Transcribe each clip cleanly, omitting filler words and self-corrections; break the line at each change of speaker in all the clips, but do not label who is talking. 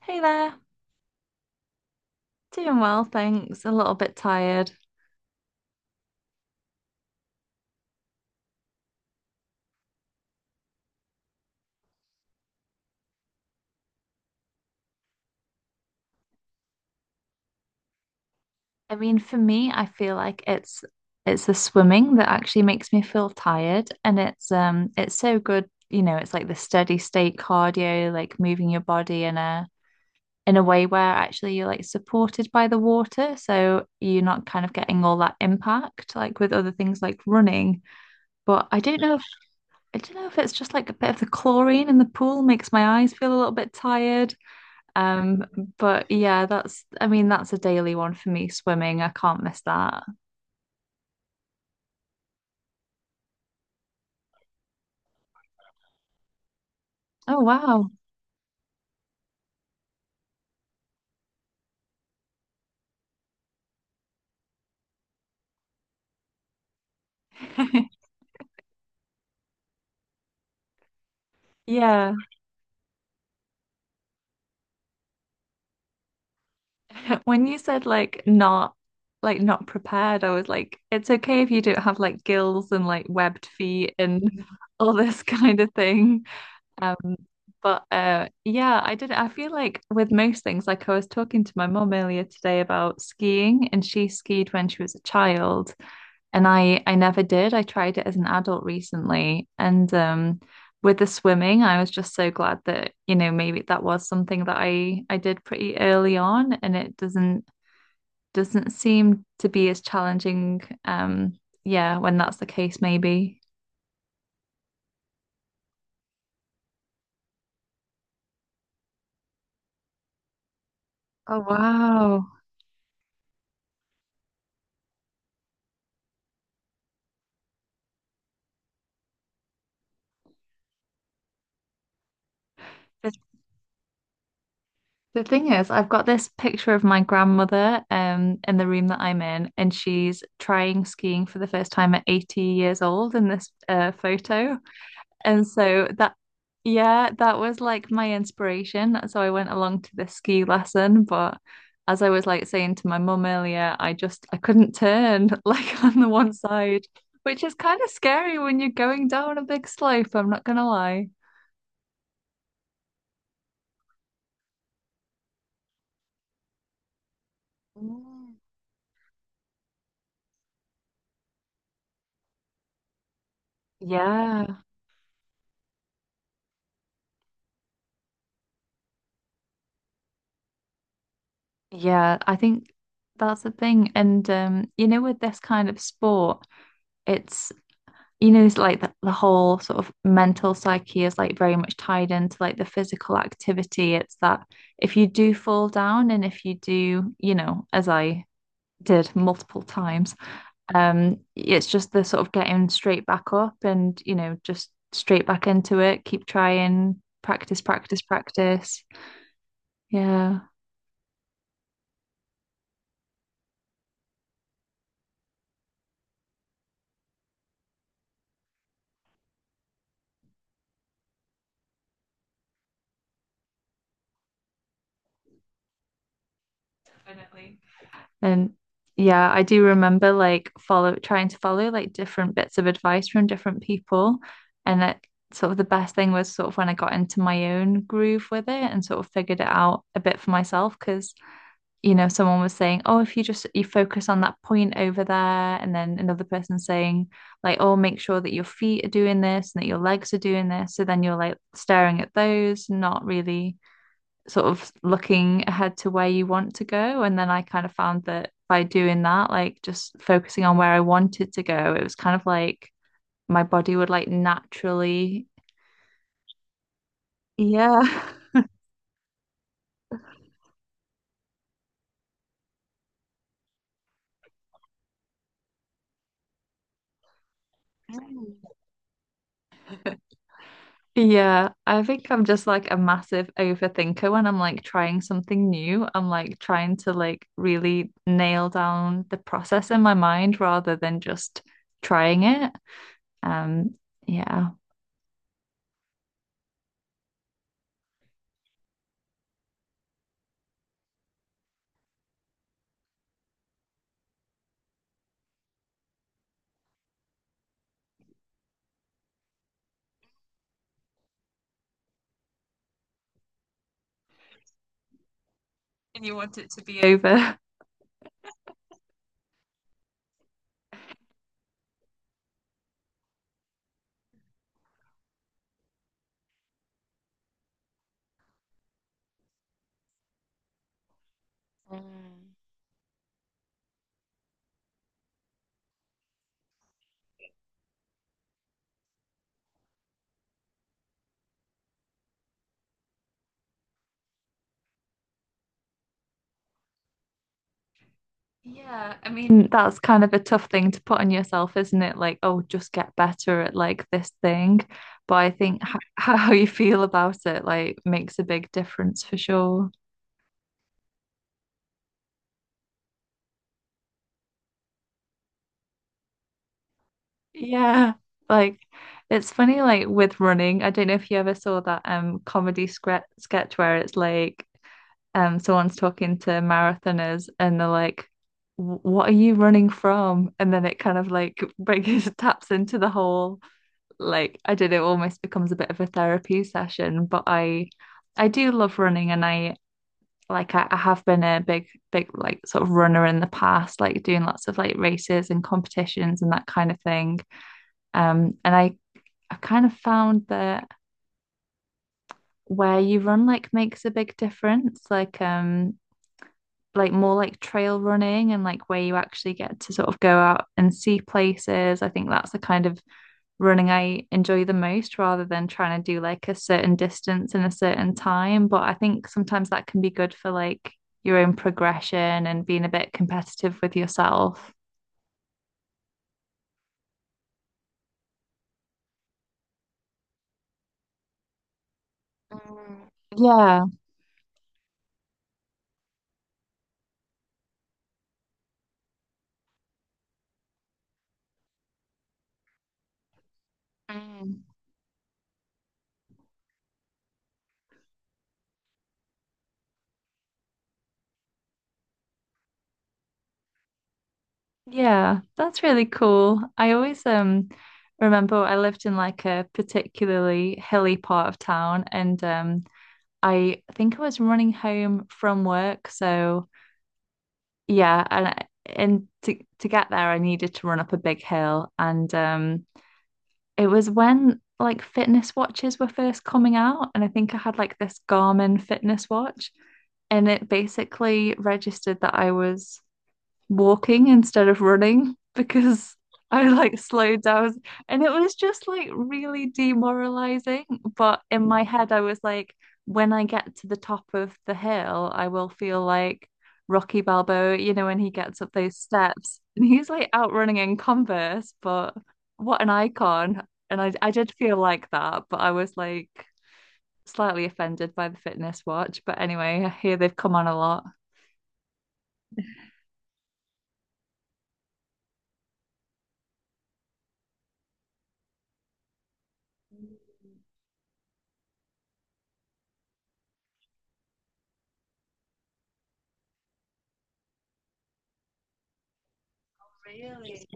Hey there, doing well, thanks. A little bit tired. I mean, for me, I feel like it's the swimming that actually makes me feel tired, and it's so good, you know, it's like the steady state cardio, like moving your body in a way where actually you're like supported by the water, so you're not kind of getting all that impact like with other things like running. But I don't know if it's just like a bit of the chlorine in the pool makes my eyes feel a little bit tired. Um, but yeah, that's, I mean, that's a daily one for me, swimming. I can't miss that. Oh, wow. Yeah. When you said like not prepared, I was like, it's okay if you don't have like gills and like webbed feet and all this kind of thing. Um, but yeah, I did I feel like with most things, like I was talking to my mom earlier today about skiing and she skied when she was a child. And I never did. I tried it as an adult recently, and with the swimming, I was just so glad that you know maybe that was something that I did pretty early on, and it doesn't seem to be as challenging. Yeah, when that's the case, maybe. Oh, wow. The the thing is, I've got this picture of my grandmother in the room that I'm in, and she's trying skiing for the first time at 80 years old in this photo. And so that, yeah, that was like my inspiration. So I went along to this ski lesson, but as I was like saying to my mum earlier, I couldn't turn like on the one side, which is kind of scary when you're going down a big slope, I'm not gonna lie. Mm. Yeah. Yeah, I think that's the thing. And you know, with this kind of sport, it's you know, it's like the whole sort of mental psyche is like very much tied into like the physical activity. It's that if you do fall down and if you do, you know, as I did multiple times, it's just the sort of getting straight back up and, you know, just straight back into it, keep trying, practice, practice, practice. Yeah. Definitely. And yeah, I do remember like follow trying to follow like different bits of advice from different people. And that sort of the best thing was sort of when I got into my own groove with it and sort of figured it out a bit for myself. Because, you know, someone was saying, oh, if you just you focus on that point over there, and then another person saying, like, oh, make sure that your feet are doing this and that your legs are doing this. So then you're like staring at those, not really sort of looking ahead to where you want to go. And then I kind of found that by doing that, like just focusing on where I wanted to go, it was kind of like my body would like naturally, yeah. Yeah, I think I'm just like a massive overthinker when I'm like trying something new. I'm like trying to like really nail down the process in my mind rather than just trying it. Um, yeah. And you want it to be over. Yeah, I mean, that's kind of a tough thing to put on yourself, isn't it? Like, oh, just get better at like this thing. But I think h how you feel about it like makes a big difference for sure. Yeah. Like it's funny like with running, I don't know if you ever saw that comedy scre sketch where it's like someone's talking to marathoners and they're like What are you running from?" And then it kind of like brings taps into the whole like I don't know, it almost becomes a bit of a therapy session. But I do love running and I like I have been a big, big like sort of runner in the past, like doing lots of like races and competitions and that kind of thing. And I kind of found that where you run like makes a big difference. Like more like trail running and like where you actually get to sort of go out and see places. I think that's the kind of running I enjoy the most rather than trying to do like a certain distance in a certain time. But I think sometimes that can be good for like your own progression and being a bit competitive with yourself. Mm, yeah. Mm. Yeah, that's really cool. I always remember I lived in like a particularly hilly part of town and I think I was running home from work, so yeah, and to get there, I needed to run up a big hill, and it was when like fitness watches were first coming out, and I think I had like this Garmin fitness watch, and it basically registered that I was walking instead of running because I like slowed down and it was just like really demoralizing. But in my head, I was like, when I get to the top of the hill, I will feel like Rocky Balboa, you know, when he gets up those steps and he's like out running in Converse, but what an icon. And I did feel like that, but I was like slightly offended by the fitness watch. But anyway, I hear they've come on a lot. Really?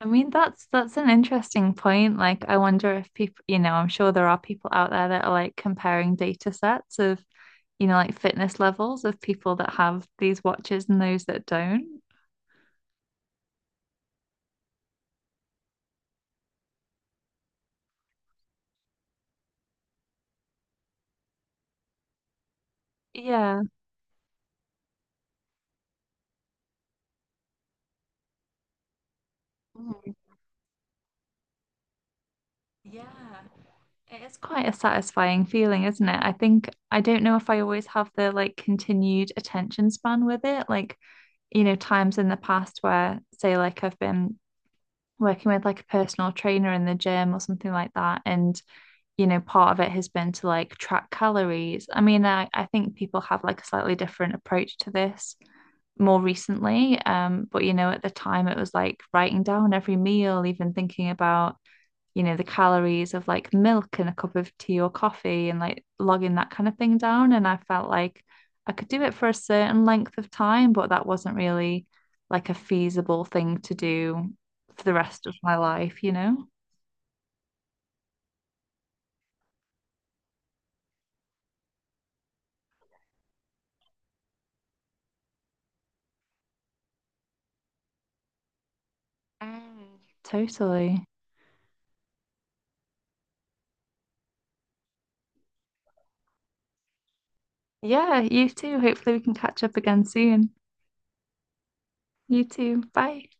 I mean, that's an interesting point. Like, I wonder if people, you know, I'm sure there are people out there that are like comparing data sets of, you know, like fitness levels of people that have these watches and those that don't. Yeah. Mhm. Yeah. It is quite a satisfying feeling, isn't it? I think I don't know if I always have the like continued attention span with it. Like, you know, times in the past where, say, like I've been working with like a personal trainer in the gym or something like that, and you know, part of it has been to like track calories. I mean, I think people have like a slightly different approach to this more recently. But you know, at the time it was like writing down every meal, even thinking about, you know, the calories of like milk and a cup of tea or coffee and like logging that kind of thing down. And I felt like I could do it for a certain length of time, but that wasn't really like a feasible thing to do for the rest of my life, you know? Mm. Totally. Yeah, you too. Hopefully, we can catch up again soon. You too. Bye.